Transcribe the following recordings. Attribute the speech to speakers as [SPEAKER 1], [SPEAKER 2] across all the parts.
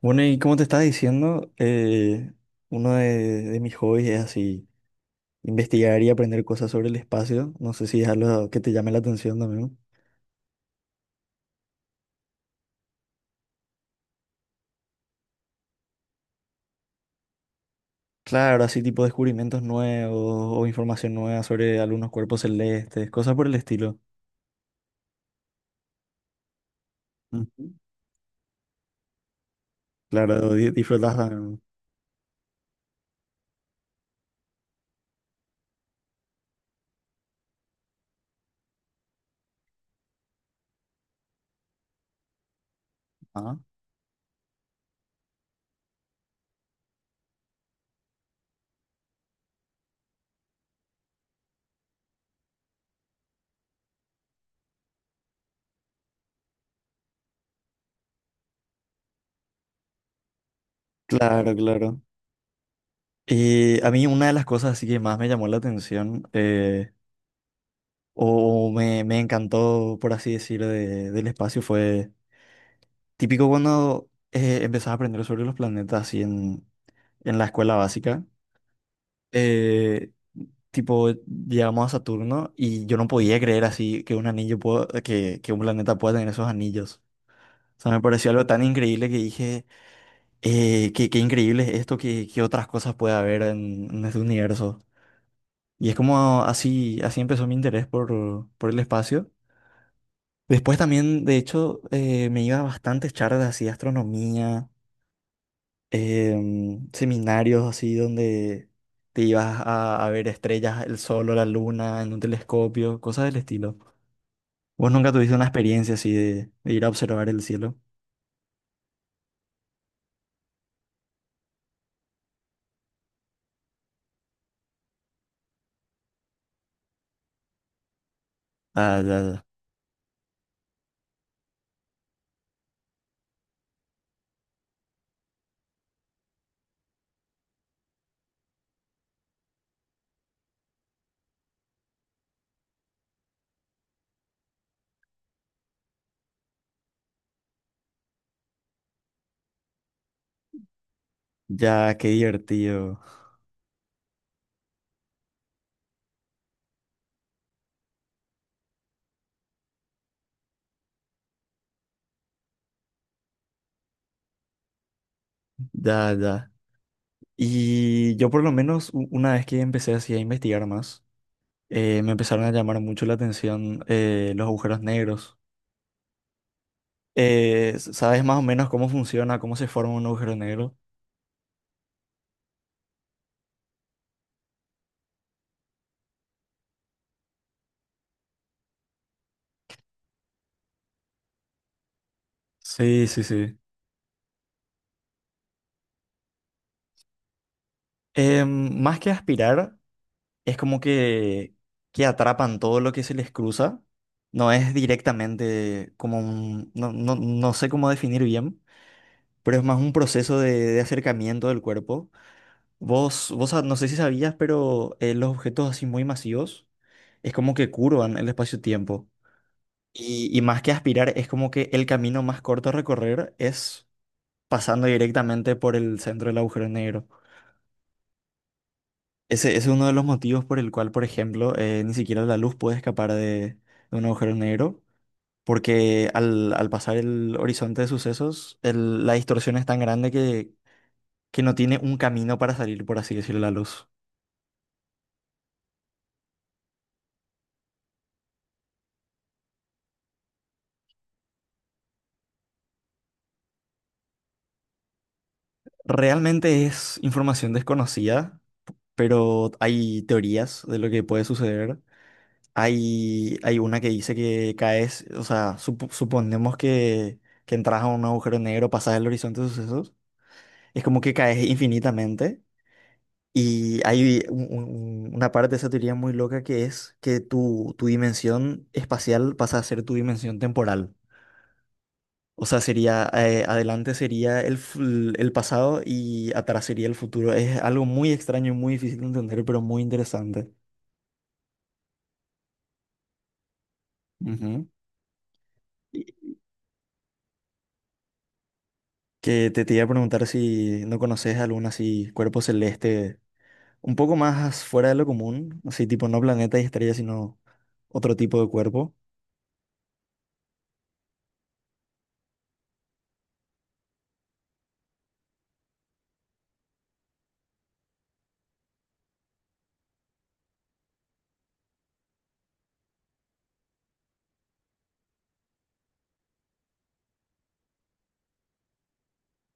[SPEAKER 1] Bueno, y como te estaba diciendo, uno de mis hobbies es así, investigar y aprender cosas sobre el espacio. No sé si es algo que te llame la atención también. Claro, así tipo descubrimientos nuevos o información nueva sobre algunos cuerpos celestes, cosas por el estilo. Ujú. Claro, disfrutas también. Ajá. Claro, claro. Y a mí una de las cosas así que más me llamó la atención o, o me encantó, por así decir, del espacio fue. Típico cuando empezás a aprender sobre los planetas así en la escuela básica. Eh, tipo llegamos a Saturno y yo no podía creer así que un anillo que un planeta pueda tener esos anillos. O sea, me pareció algo tan increíble que dije, qué, qué increíble es esto, qué, qué otras cosas puede haber en este universo. Y es como así, así empezó mi interés por el espacio. Después también, de hecho, me iba a bastantes charlas así de astronomía, seminarios así donde te ibas a ver estrellas, el sol o la luna en un telescopio, cosas del estilo. ¿Vos nunca tuviste una experiencia así de ir a observar el cielo? Ah, ya, ya. Ya, qué divertido. Ya, ya. Y yo por lo menos una vez que empecé así a investigar más, me empezaron a llamar mucho la atención, los agujeros negros. ¿Sabes más o menos cómo funciona, cómo se forma un agujero negro? Sí, sí, sí. Más que aspirar, es como que atrapan todo lo que se les cruza. No es directamente como un, no, no sé cómo definir bien, pero es más un proceso de acercamiento del cuerpo. No sé si sabías, pero los objetos así muy masivos es como que curvan el espacio-tiempo. Y más que aspirar, es como que el camino más corto a recorrer es pasando directamente por el centro del agujero negro. Ese es uno de los motivos por el cual, por ejemplo, ni siquiera la luz puede escapar de un agujero negro, porque al, al pasar el horizonte de sucesos, la distorsión es tan grande que no tiene un camino para salir, por así decirlo, la luz. Realmente es información desconocida, pero hay teorías de lo que puede suceder. Hay una que dice que caes, o sea, suponemos que entras a un agujero negro, pasas el horizonte de sucesos, es como que caes infinitamente. Y hay una parte de esa teoría muy loca que es que tu dimensión espacial pasa a ser tu dimensión temporal. O sea, sería, adelante sería el pasado y atrás sería el futuro. Es algo muy extraño y muy difícil de entender, pero muy interesante. Ujú. Y Que te iba a preguntar si no conoces algún así cuerpo celeste un poco más fuera de lo común, así tipo no planeta y estrella, sino otro tipo de cuerpo.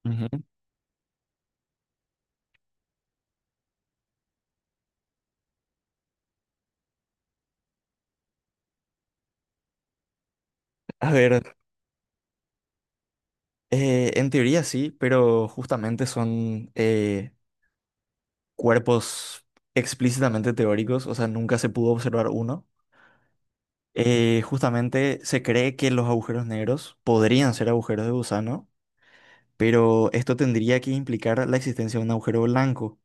[SPEAKER 1] Ujú. A ver. En teoría sí, pero justamente son, cuerpos explícitamente teóricos, o sea, nunca se pudo observar uno. Justamente se cree que los agujeros negros podrían ser agujeros de gusano, pero esto tendría que implicar la existencia de un agujero blanco,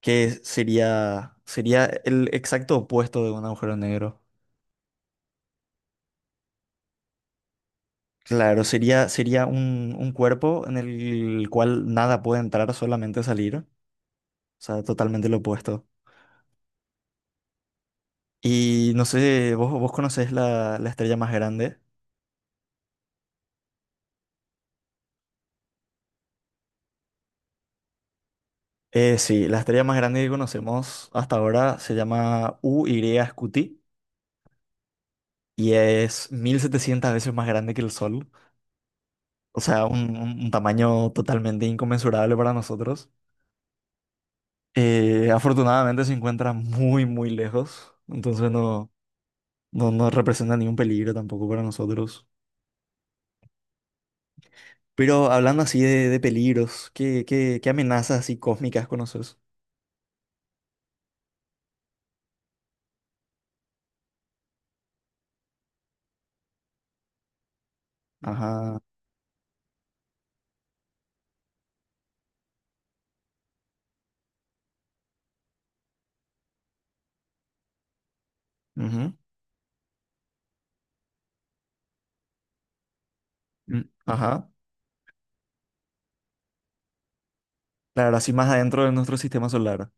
[SPEAKER 1] que sería, sería el exacto opuesto de un agujero negro. Claro, sería, sería un cuerpo en el cual nada puede entrar, solamente salir, o sea, totalmente lo opuesto. Y no sé, vos, vos conocés la, la estrella más grande. Sí, la estrella más grande que conocemos hasta ahora se llama U UY Scuti y es 1.700 veces más grande que el Sol. O sea, un tamaño totalmente inconmensurable para nosotros. Afortunadamente se encuentra muy, muy lejos, entonces no, no representa ningún peligro tampoco para nosotros. Pero hablando así de peligros, ¿qué, qué, qué amenazas así cósmicas conoces? Ajá. Ujú. Mm. Ajá. Claro, así más adentro de nuestro sistema solar.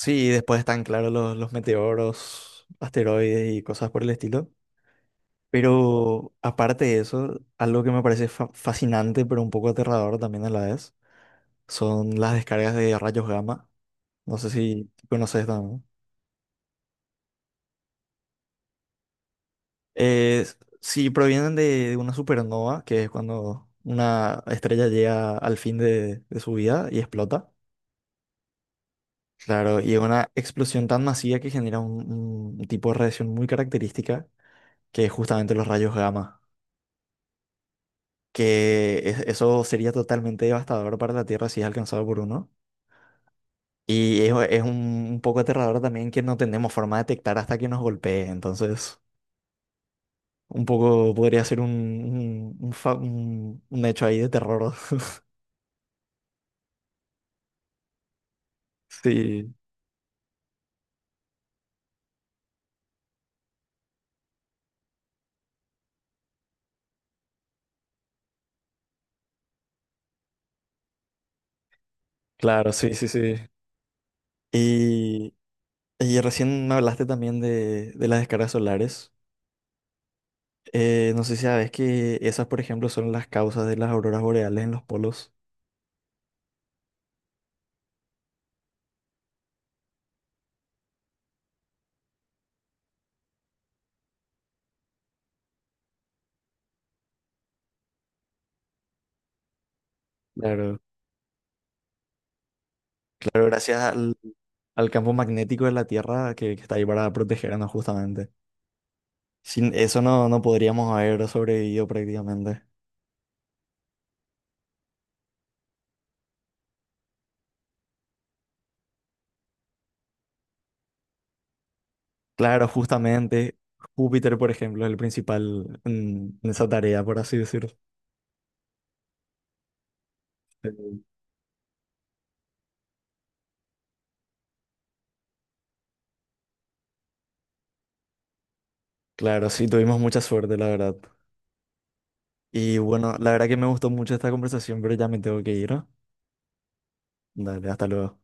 [SPEAKER 1] Sí, y después están, claro, los meteoros, asteroides y cosas por el estilo. Pero aparte de eso, algo que me parece fascinante, pero un poco aterrador también a la vez, son las descargas de rayos gamma. No sé si conoces también. Si provienen de una supernova, que es cuando una estrella llega al fin de su vida y explota. Claro, y es una explosión tan masiva que genera un tipo de radiación muy característica, que es justamente los rayos gamma, eso sería totalmente devastador para la Tierra si es alcanzado por uno. Y es un poco aterrador también que no tenemos forma de detectar hasta que nos golpee, entonces un poco podría ser un hecho ahí de terror. Sí, claro, sí, sí, sí. Y, y recién me hablaste también de las descargas solares. No sé si sabes que esas, por ejemplo, son las causas de las auroras boreales en los polos. Claro. Claro, gracias al, al campo magnético de la Tierra que está ahí para protegernos justamente. Sin eso no, no podríamos haber sobrevivido prácticamente. Claro, justamente Júpiter, por ejemplo, es el principal en esa tarea, por así decirlo. Eh, Claro, sí, tuvimos mucha suerte, la verdad. Y bueno, la verdad que me gustó mucho esta conversación, pero ya me tengo que ir, ¿no? Dale, hasta luego.